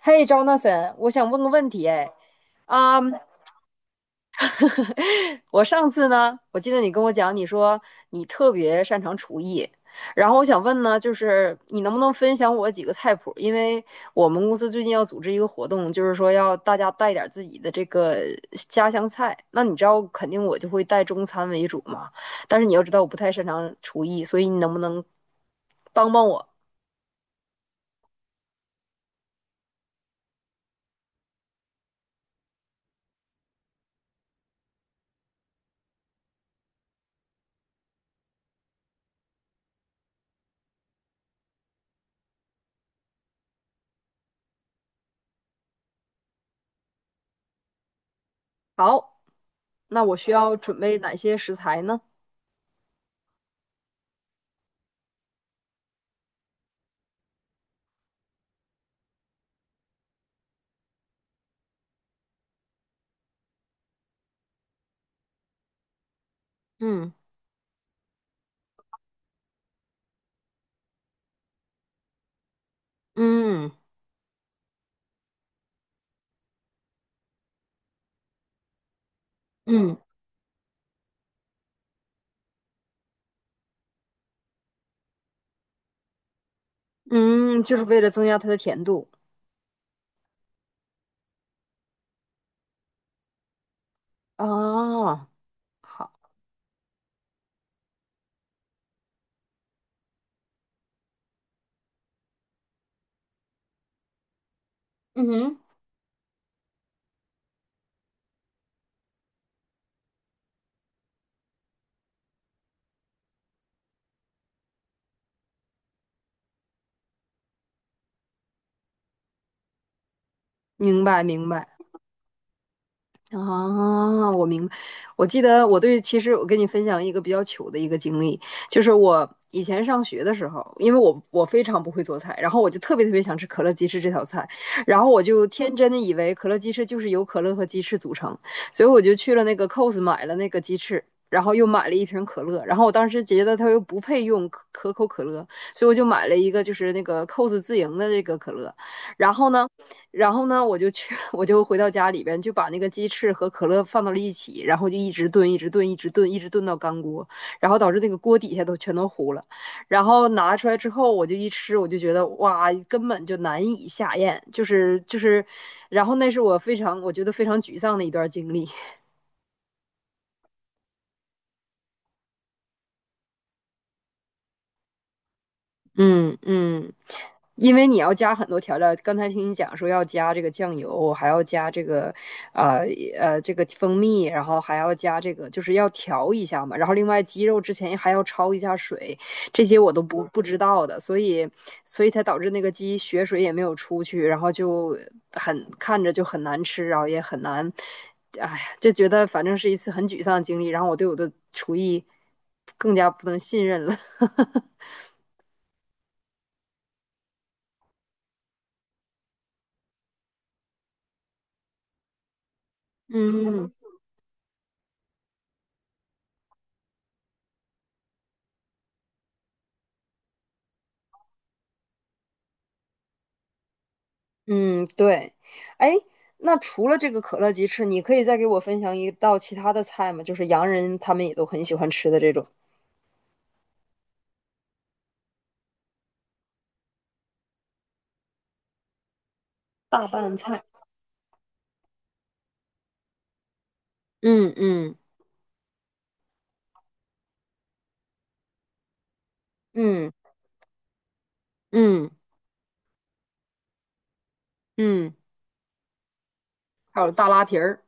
嘿，Jonathan，我想问个问题，哎，啊、我上次呢，我记得你跟我讲，你说你特别擅长厨艺。然后我想问呢，就是你能不能分享我几个菜谱？因为我们公司最近要组织一个活动，就是说要大家带点自己的这个家乡菜。那你知道，肯定我就会带中餐为主嘛，但是你要知道，我不太擅长厨艺，所以你能不能帮帮我？好，那我需要准备哪些食材呢？嗯。嗯，嗯嗯，就是为了增加它的甜度。哦，好，嗯哼，明白明白。啊，我明白。我记得我对，其实我跟你分享一个比较糗的一个经历，就是我以前上学的时候，因为我非常不会做菜，然后我就特别特别想吃可乐鸡翅这道菜，然后我就天真的以为可乐鸡翅就是由可乐和鸡翅组成，所以我就去了那个 COS 买了那个鸡翅。然后又买了一瓶可乐，然后我当时觉得它又不配用可口可乐，所以我就买了一个就是那个 COS 自营的这个可乐。然后呢，然后呢，我就去，我就回到家里边，就把那个鸡翅和可乐放到了一起，然后就一直炖，一直炖，一直炖，一直炖到干锅，然后导致那个锅底下都全都糊了。然后拿出来之后，我就一吃，我就觉得哇，根本就难以下咽，就是，然后那是我觉得非常沮丧的一段经历。嗯嗯。因为你要加很多调料，刚才听你讲说要加这个酱油，还要加这个，呃这个蜂蜜，然后还要加这个，就是要调一下嘛。然后另外鸡肉之前还要焯一下水，这些我都不知道的，所以才导致那个鸡血水也没有出去，然后就很看着就很难吃，然后也很难，哎，就觉得反正是一次很沮丧的经历，然后我对我的厨艺更加不能信任了。嗯。嗯，对。哎，那除了这个可乐鸡翅，你可以再给我分享一道其他的菜吗？就是洋人他们也都很喜欢吃的这种。嗯，嗯，嗯，嗯，嗯，还有大拉皮儿。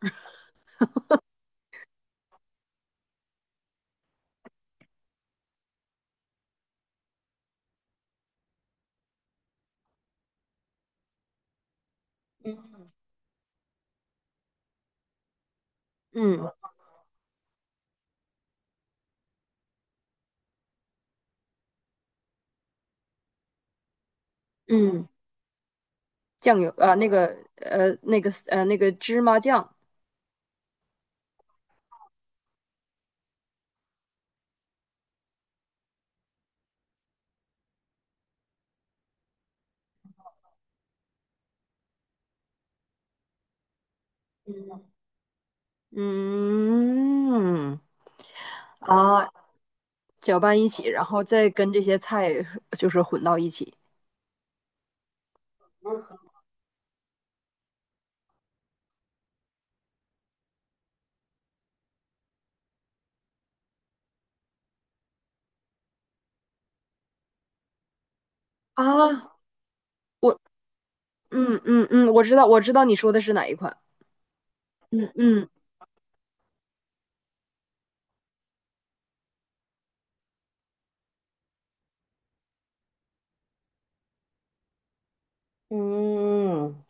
嗯嗯，酱油啊，那个那个芝麻酱。嗯啊，搅拌一起，然后再跟这些菜就是混到一起。啊，我嗯嗯嗯，我知道我知道你说的是哪一款。嗯嗯，嗯，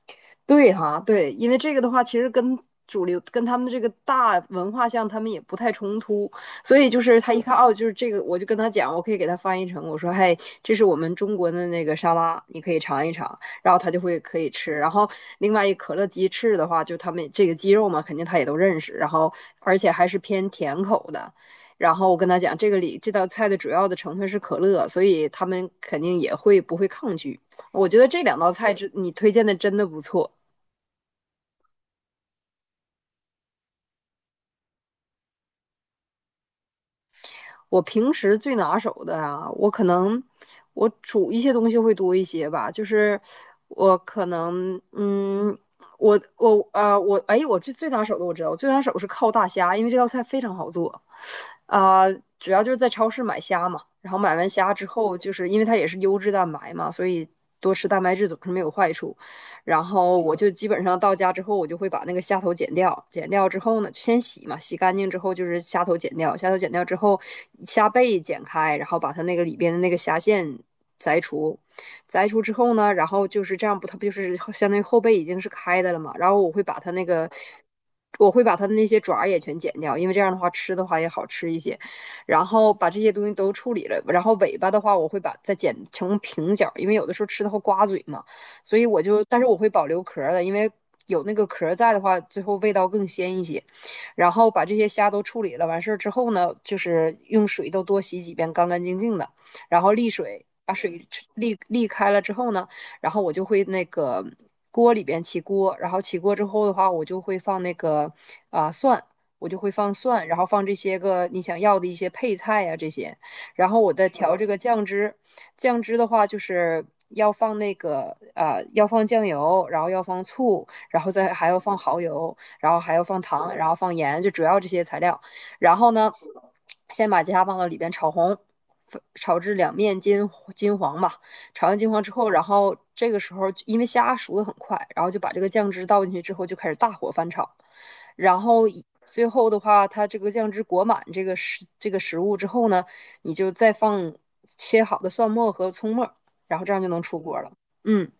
对哈，对，因为这个的话，其实跟主流跟他们的这个大文化像，他们也不太冲突，所以就是他一看哦，就是这个，我就跟他讲，我可以给他翻译成，我说，嘿，这是我们中国的那个沙拉，你可以尝一尝，然后他就会可以吃。然后另外一可乐鸡翅的话，就他们这个鸡肉嘛，肯定他也都认识，然后而且还是偏甜口的。然后我跟他讲，这个里这道菜的主要的成分是可乐，所以他们肯定也会不会抗拒。我觉得这两道菜之你推荐的真的不错。我平时最拿手的啊，我可能我煮一些东西会多一些吧，就是我可能我我啊、我哎，我最拿手的我知道，我最拿手是靠大虾，因为这道菜非常好做，啊、主要就是在超市买虾嘛，然后买完虾之后，就是因为它也是优质蛋白嘛，所以多吃蛋白质总是没有坏处。然后我就基本上到家之后，我就会把那个虾头剪掉，剪掉之后呢，先洗嘛，洗干净之后就是虾头剪掉，虾头剪掉之后，虾背剪开，然后把它那个里边的那个虾线摘除，摘除之后呢，然后就是这样不，它不就是相当于后背已经是开的了嘛，然后我会把它那个。我会把它的那些爪也全剪掉，因为这样的话吃的话也好吃一些。然后把这些东西都处理了，然后尾巴的话我会把再剪成平角，因为有的时候吃的会刮嘴嘛。所以我就，但是我会保留壳的，因为有那个壳在的话，最后味道更鲜一些。然后把这些虾都处理了，完事儿之后呢，就是用水都多洗几遍，干干净净的，然后沥水，把水沥开了之后呢，然后我就会那个锅里边起锅，然后起锅之后的话，我就会放那个蒜，我就会放蒜，然后放这些个你想要的一些配菜呀、这些。然后我再调这个酱汁。酱汁的话，就是要放那个要放酱油，然后要放醋，然后再还要放蚝油，然后还要放糖，然后放盐，就主要这些材料。然后呢，先把鸡虾放到里边炒红，炒至两面金黄吧。炒完金黄之后，然后这个时候因为虾熟的很快，然后就把这个酱汁倒进去之后，就开始大火翻炒。然后最后的话，它这个酱汁裹满这个食物之后呢，你就再放切好的蒜末和葱末，然后这样就能出锅了。嗯，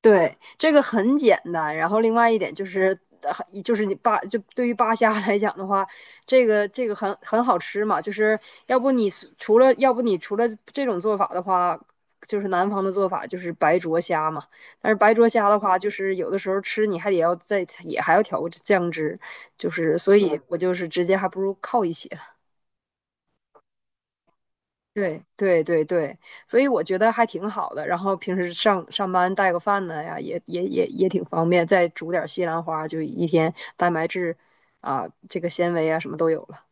对，这个很简单。然后另外一点就是，就是你扒，就对于扒虾来讲的话，这个很好吃嘛。就是要不你除了这种做法的话，就是南方的做法就是白灼虾嘛。但是白灼虾的话，就是有的时候吃你还得要再也还要调个酱汁，就是所以我就是直接还不如靠一些。对对对对，所以我觉得还挺好的。然后平时上班带个饭呢呀，也挺方便。再煮点西兰花，就一天蛋白质啊，这个纤维啊，什么都有了。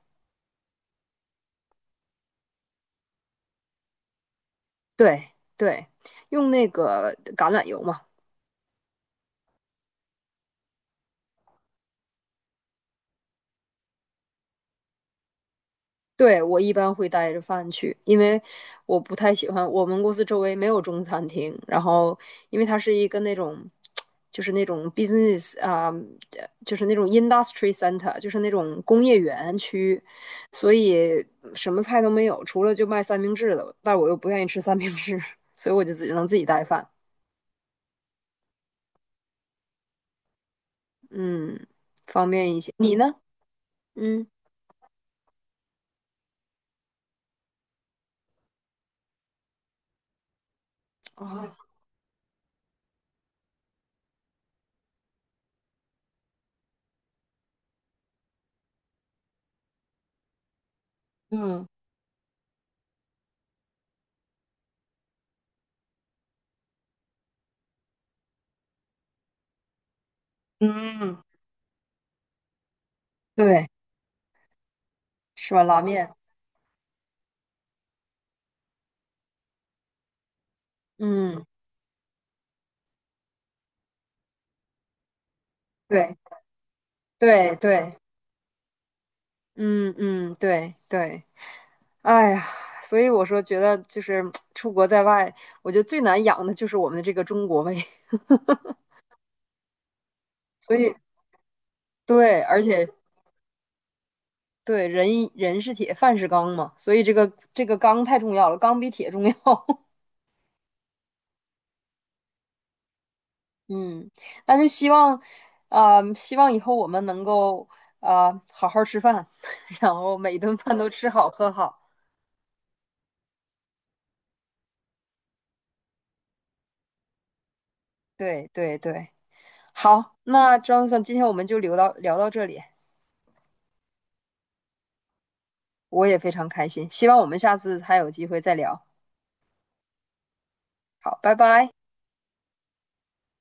对对，用那个橄榄油嘛，对，我一般会带着饭去，因为我不太喜欢我们公司周围没有中餐厅。然后，因为它是一个那种，就是那种 business 啊、就是那种 industry center，就是那种工业园区，所以什么菜都没有，除了就卖三明治的。但我又不愿意吃三明治，所以我就只能自己带饭，嗯，方便一些。你呢？嗯，哦，嗯，嗯，对，是吧？拉面，嗯，对对对。嗯嗯，对对，哎呀，所以我说觉得就是出国在外，我觉得最难养的就是我们的这个中国胃，所以对，而且对人一人是铁，饭是钢嘛，所以这个钢太重要了，钢比铁重要。嗯，那就希望，希望以后我们能够，好好吃饭。然后每一顿饭都吃好喝好。对对对，好，那 Johnson，今天我们就聊到这里。我也非常开心，希望我们下次还有机会再聊。好，拜拜。